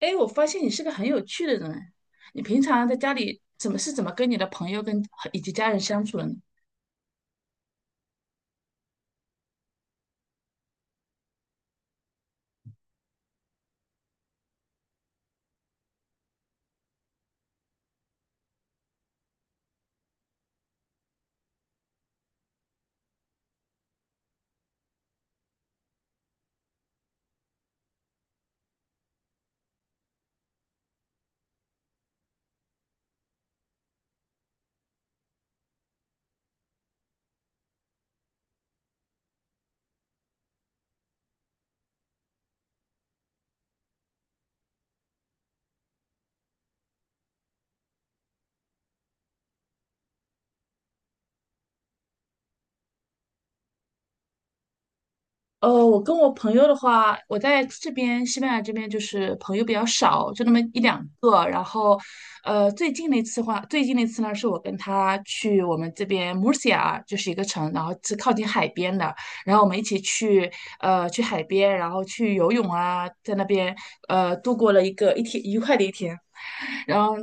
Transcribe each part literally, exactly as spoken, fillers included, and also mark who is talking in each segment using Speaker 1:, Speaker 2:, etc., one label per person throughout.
Speaker 1: 哎，我发现你是个很有趣的人。你平常在家里怎么是怎么跟你的朋友跟以及家人相处的呢？呃，我跟我朋友的话，我在这边西班牙这边就是朋友比较少，就那么一两个。然后，呃，最近那次话，最近那次呢，是我跟他去我们这边 Murcia，就是一个城，然后是靠近海边的。然后我们一起去，呃，去海边，然后去游泳啊，在那边呃度过了一个一天愉快的一天。然后。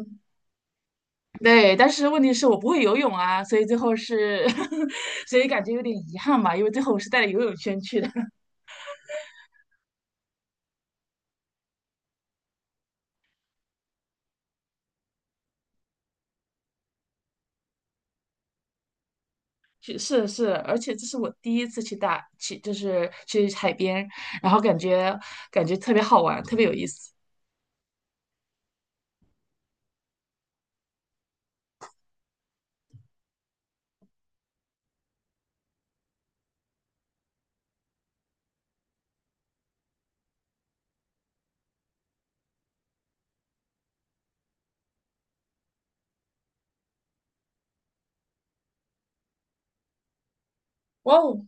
Speaker 1: 对，但是问题是我不会游泳啊，所以最后是，所以感觉有点遗憾吧，因为最后我是带着游泳圈去的。去是是，而且这是我第一次去大去，就是去海边，然后感觉感觉特别好玩，特别有意思。哇哦，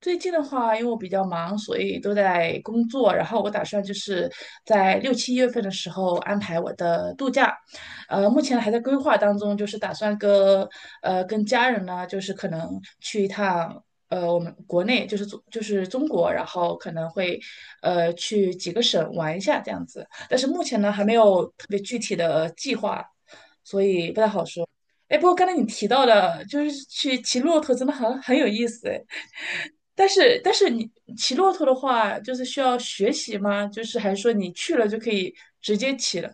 Speaker 1: 最近的话，因为我比较忙，所以都在工作。然后我打算就是在六七月份的时候安排我的度假，呃，目前还在规划当中，就是打算跟呃跟家人呢，就是可能去一趟呃我们国内，就是中就是中国，然后可能会呃去几个省玩一下这样子。但是目前呢，还没有特别具体的计划。哎，不过刚才你提到的，就是去骑骆驼，真的很很有意思哎。但是但是你骑骆驼的话，就是需要学习吗？就是还是说你去了就可以直接骑了？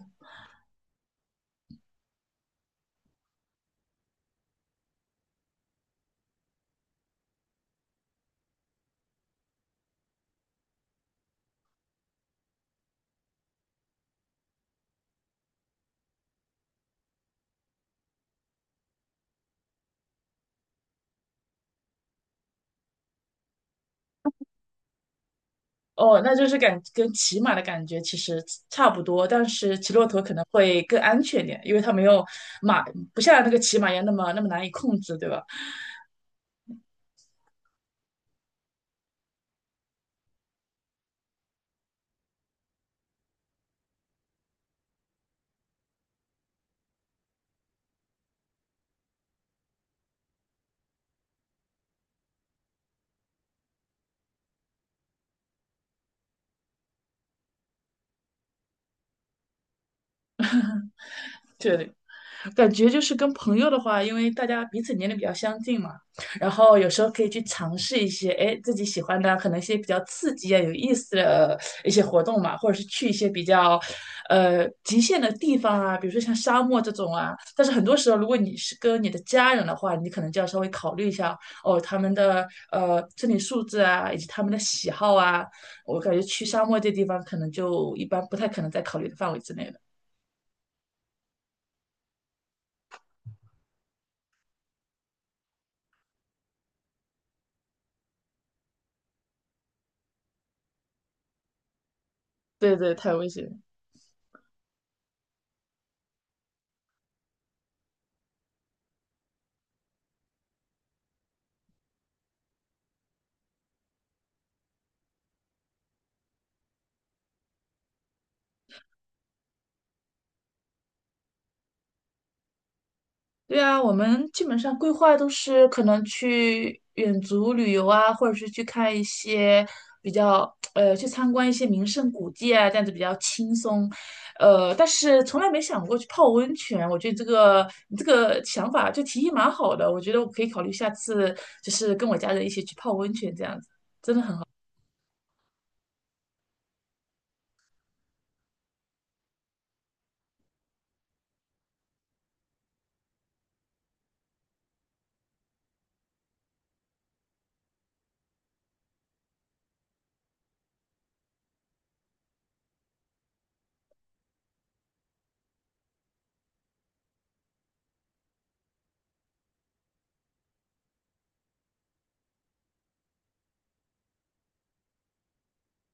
Speaker 1: 哦，那就是感跟骑马的感觉其实差不多，但是骑骆驼可能会更安全一点，因为它没有马，不像那个骑马一样那么那么难以控制，对吧？对，感觉就是跟朋友的话，因为大家彼此年龄比较相近嘛，然后有时候可以去尝试一些，哎，自己喜欢的，可能一些比较刺激啊、有意思的一些活动嘛，或者是去一些比较，呃，极限的地方啊，比如说像沙漠这种啊。但是很多时候，如果你是跟你的家人的话，你可能就要稍微考虑一下哦，他们的呃身体素质啊，以及他们的喜好啊。我感觉去沙漠这地方可能就一般不太可能在考虑的范围之内了。对对，太危险了。对啊，我们基本上规划都是可能去远足旅游啊，或者是去看一些比较呃，去参观一些名胜古迹啊，这样子比较轻松。呃，但是从来没想过去泡温泉，我觉得这个你这个想法就提议蛮好的，我觉得我可以考虑下次就是跟我家人一起去泡温泉这样子。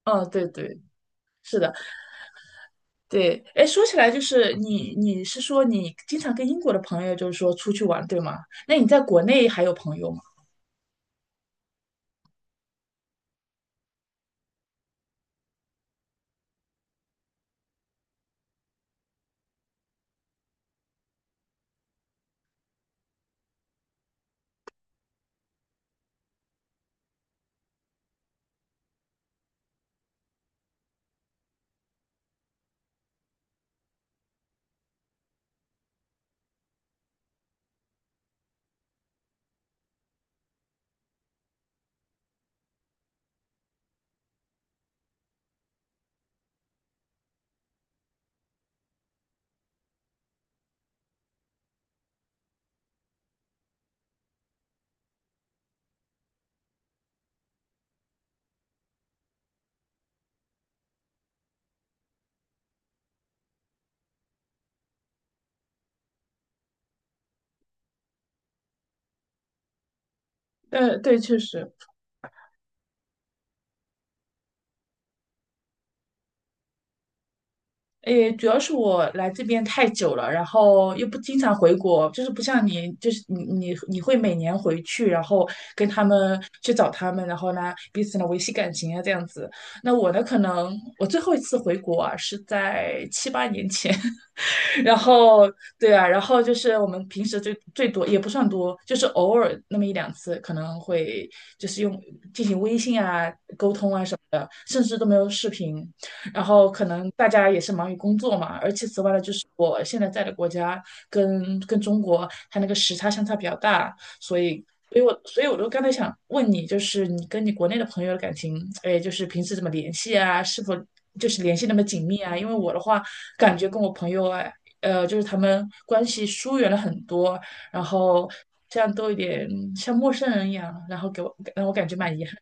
Speaker 1: 嗯，对对，是的，对。哎，说起来就是你，你是说你经常跟英国的朋友就是说出去玩，对吗？那你在国内还有朋友吗？呃，对，确实，诶，主要是我来这边太久了，然后又不经常回国，就是不像你，就是你你你会每年回去，然后跟他们去找他们，然后呢彼此呢维系感情啊这样子。那我呢，可能我最后一次回国啊是在七八年前，然后对啊，然后就是我们平时最最多也不算多，就是偶尔那么一两次，可能会就是用进行微信啊沟通啊。甚至都没有视频。然后可能大家也是忙于工作嘛，而且此外呢，就是我现在在的国家跟跟中国它那个时差相差比较大，所以。所以我，所以我就刚才想问你，就是你跟你国内的朋友的感情，哎，就是平时怎么联系啊？是否就是联系那么紧密啊？因为我的话，感觉跟我朋友啊，呃，就是他们关系疏远了很多，然后这样都有点像陌生人一样，然后给我让我感觉蛮遗憾。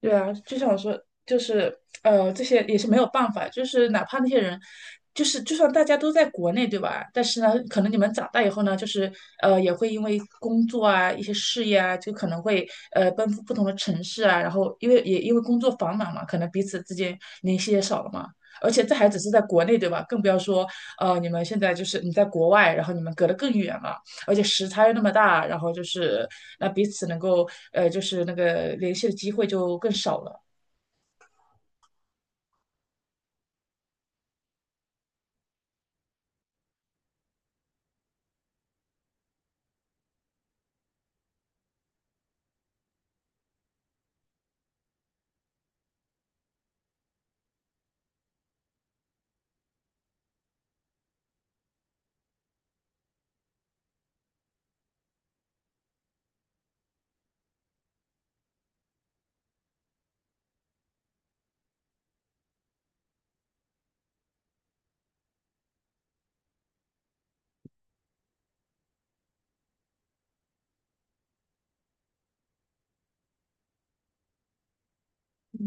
Speaker 1: 对啊，就像我说，就是呃，这些也是没有办法，就是哪怕那些人，就是就算大家都在国内，对吧？但是呢，可能你们长大以后呢，就是呃，也会因为工作啊、一些事业啊，就可能会呃奔赴不同的城市啊，然后因为也因为工作繁忙嘛，可能彼此之间联系也少了嘛。而且这还只是在国内，对吧？更不要说呃，你们现在就是你在国外，然后你们隔得更远了。而且时差又那么大，然后就是那彼此能够呃就是那个联系的机会就更少了。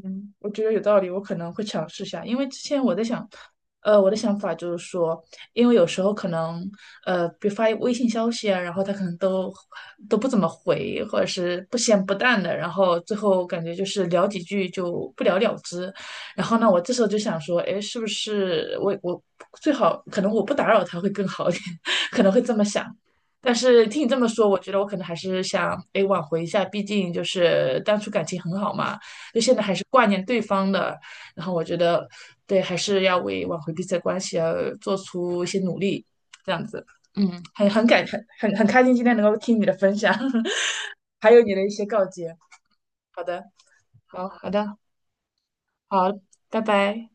Speaker 1: 嗯，我觉得有道理，我可能会尝试一下，因为之前我在想，呃，我的想法就是说，因为有时候可能，呃，比如发微信消息啊，然后他可能都都不怎么回，或者是不咸不淡的，然后最后感觉就是聊几句就不了了之。然后呢，我这时候就想说，哎，是不是我我最好可能我不打扰他会更好一点，可能会这么想。但是听你这么说，我觉得我可能还是想，哎，挽回一下，毕竟就是当初感情很好嘛。就现在还是挂念对方的。然后我觉得，对，还是要为挽回彼此的关系而做出一些努力，这样子。嗯，很很感很很很开心今天能够听你的分享，还有你的一些告诫。好的，好好的，好，拜拜。